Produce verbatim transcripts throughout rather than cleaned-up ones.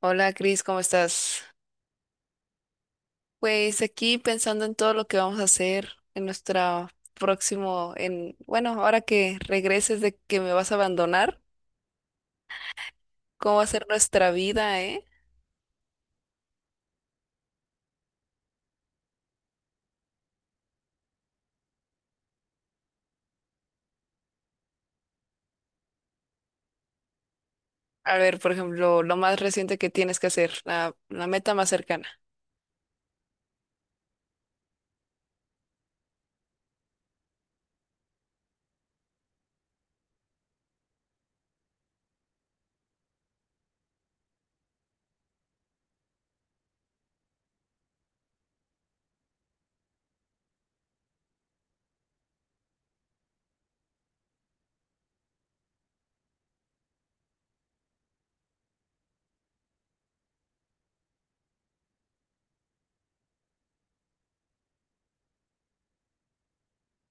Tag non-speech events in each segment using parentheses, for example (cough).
Hola Cris, ¿cómo estás? Pues aquí pensando en todo lo que vamos a hacer en nuestra próximo, en, bueno, ahora que regreses de que me vas a abandonar, ¿cómo va a ser nuestra vida, eh? A ver, por ejemplo, lo más reciente que tienes que hacer, la, la meta más cercana.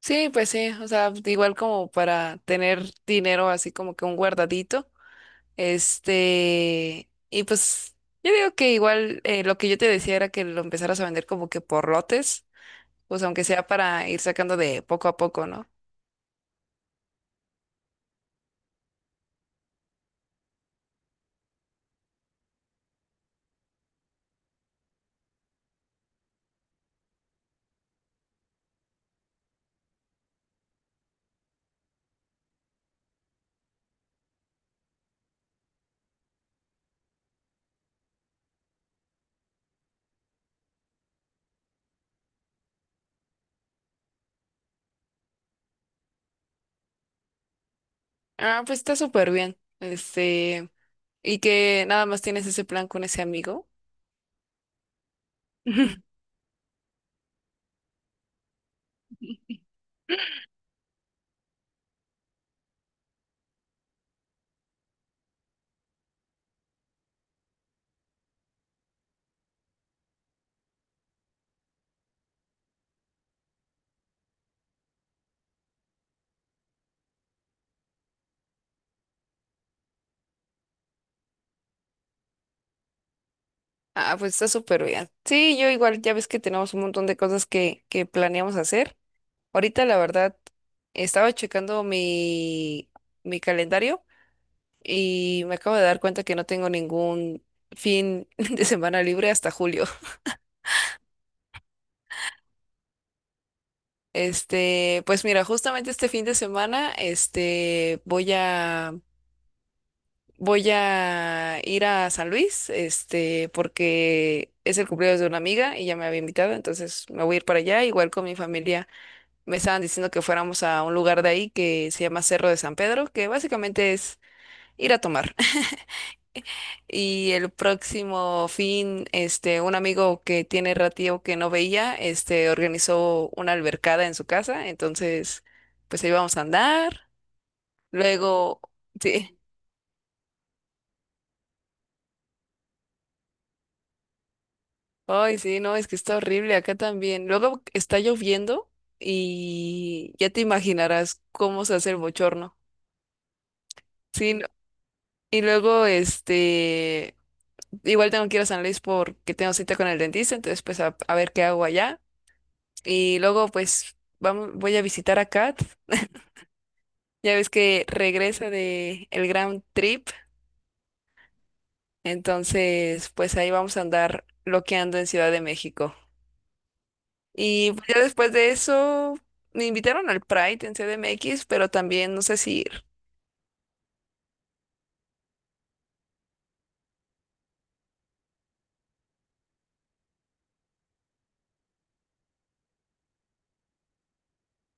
Sí, pues sí, o sea, igual como para tener dinero así como que un guardadito, este, y pues yo digo que igual eh, lo que yo te decía era que lo empezaras a vender como que por lotes pues aunque sea para ir sacando de poco a poco, ¿no? Ah, pues está súper bien. Este, y que nada más tienes ese plan con ese amigo. (laughs) Ah, pues está súper bien. Sí, yo igual, ya ves que tenemos un montón de cosas que, que planeamos hacer. Ahorita, la verdad, estaba checando mi, mi calendario y me acabo de dar cuenta que no tengo ningún fin (laughs) de semana libre hasta julio. Este, pues mira, justamente este fin de semana, este, voy a Voy a ir a San Luis, este, porque es el cumpleaños de una amiga y ya me había invitado, entonces me voy a ir para allá, igual con mi familia. Me estaban diciendo que fuéramos a un lugar de ahí que se llama Cerro de San Pedro, que básicamente es ir a tomar. (laughs) Y el próximo fin, este, un amigo que tiene ratío que no veía, este, organizó una albercada en su casa, entonces, pues ahí vamos a andar. Luego, sí. Ay, sí, no, es que está horrible acá también. Luego está lloviendo y ya te imaginarás cómo se hace el bochorno. Sí, no- y luego, este, igual tengo que ir a San Luis porque tengo cita con el dentista, entonces pues a, a ver qué hago allá. Y luego pues vamos, voy a visitar a Kat. Ya ves que regresa de el Grand Trip, entonces pues ahí vamos a andar loqueando en Ciudad de México. Y pues, ya después de eso me invitaron al Pride en C D M X, pero también no sé si ir.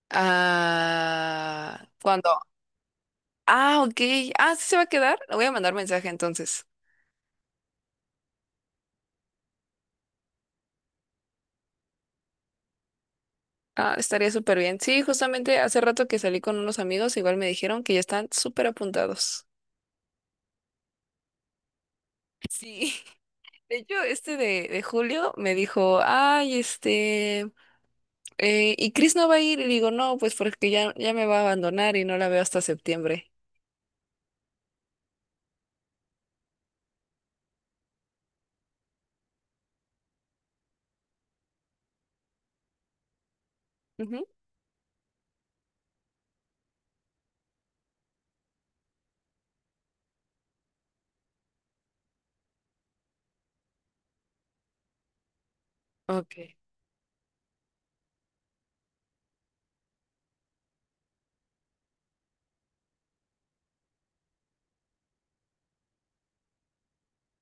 Ah, cuando. Ah, ok. Ah, sí se va a quedar. Le voy a mandar mensaje entonces. Ah, estaría súper bien. Sí, justamente hace rato que salí con unos amigos, igual me dijeron que ya están súper apuntados. Sí. (laughs) De hecho, este de, de Julio me dijo, ay, este, eh, ¿y Chris no va a ir? Y digo, no, pues porque ya, ya me va a abandonar y no la veo hasta septiembre. Ujú. Ok.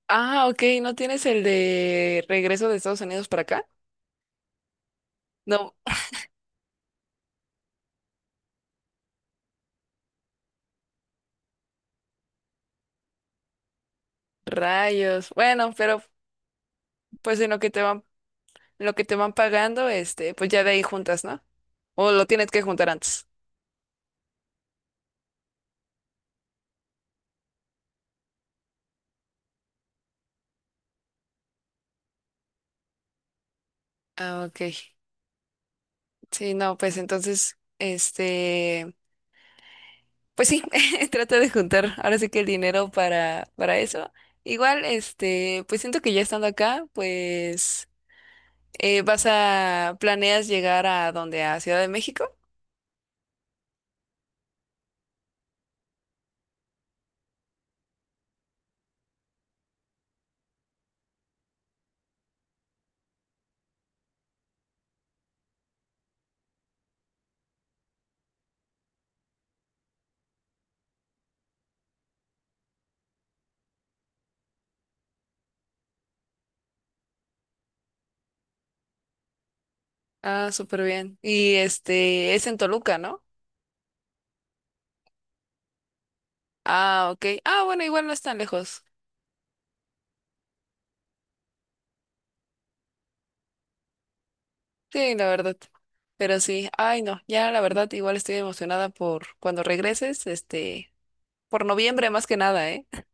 Ah, ok, ¿no tienes el de regreso de Estados Unidos para acá? No, rayos. Bueno, pero pues en lo que te van, en lo que te van pagando, este, pues ya de ahí juntas, ¿no? O lo tienes que juntar antes. Ah, ok. Sí, no, pues entonces, este, pues sí, (laughs) trata de juntar ahora sí que el dinero para, para eso. Igual, este, pues siento que ya estando acá, pues eh, vas a, planeas llegar a donde, a Ciudad de México. Ah, súper bien. Y este, es en Toluca, ¿no? Ah, ok. Ah, bueno, igual no es tan lejos. Sí, la verdad. Pero sí, ay, no, ya la verdad, igual estoy emocionada por cuando regreses, este, por noviembre más que nada, ¿eh? (laughs)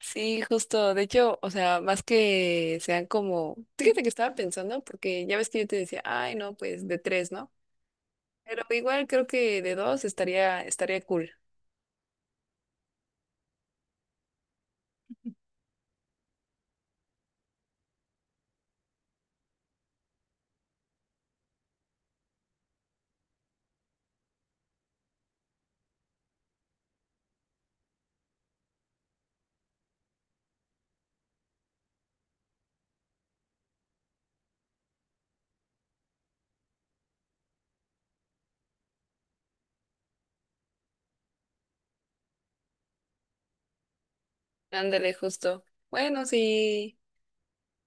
Sí, justo. De hecho, o sea, más que sean como, fíjate que estaba pensando, porque ya ves que yo te decía, ay, no, pues de tres, ¿no? Pero igual creo que de dos estaría, estaría cool. Ándale, justo. Bueno, sí.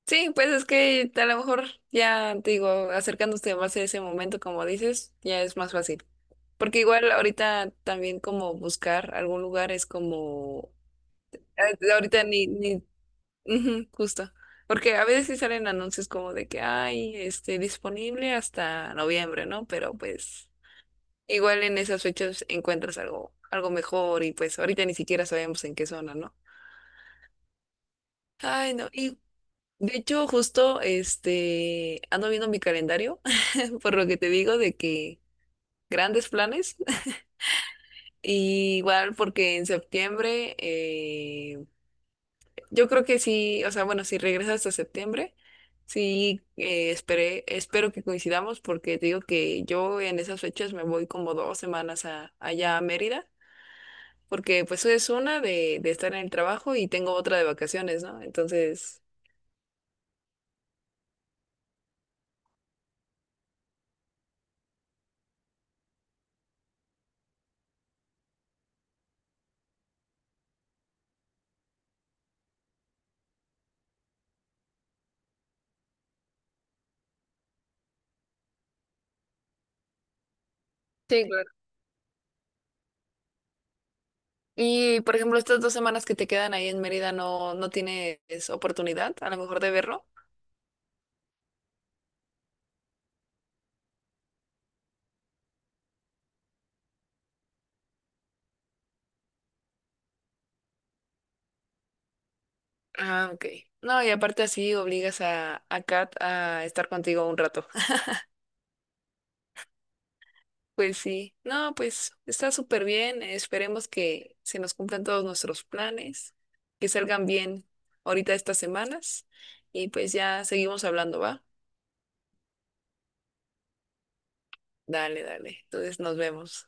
Sí, pues es que a lo mejor ya te digo, acercándose más a ese momento, como dices, ya es más fácil. Porque igual ahorita también como buscar algún lugar es como, eh, ahorita ni, ni, ujú, justo. Porque a veces sí salen anuncios como de que hay, este, disponible hasta noviembre, ¿no? Pero pues igual en esas fechas encuentras algo, algo mejor y pues ahorita ni siquiera sabemos en qué zona, ¿no? Ay, no. De hecho, justo este ando viendo mi calendario, (laughs) por lo que te digo de que grandes planes. (laughs) Y igual porque en septiembre, eh, yo creo que sí, o sea, bueno, si regresas hasta septiembre, sí eh, esperé, espero que coincidamos porque te digo que yo en esas fechas me voy como dos semanas a, allá a Mérida, porque pues es una de, de estar en el trabajo y tengo otra de vacaciones, ¿no? Entonces... sí. Y, por ejemplo, estas dos semanas que te quedan ahí en Mérida, ¿no, no tienes oportunidad a lo mejor de verlo? Ah, ok. No, y aparte así obligas a, a Kat a estar contigo un rato. (laughs) Pues sí. No, pues está súper bien. Esperemos que se nos cumplan todos nuestros planes, que salgan bien ahorita estas semanas. Y pues ya seguimos hablando, ¿va? Dale, dale. Entonces nos vemos.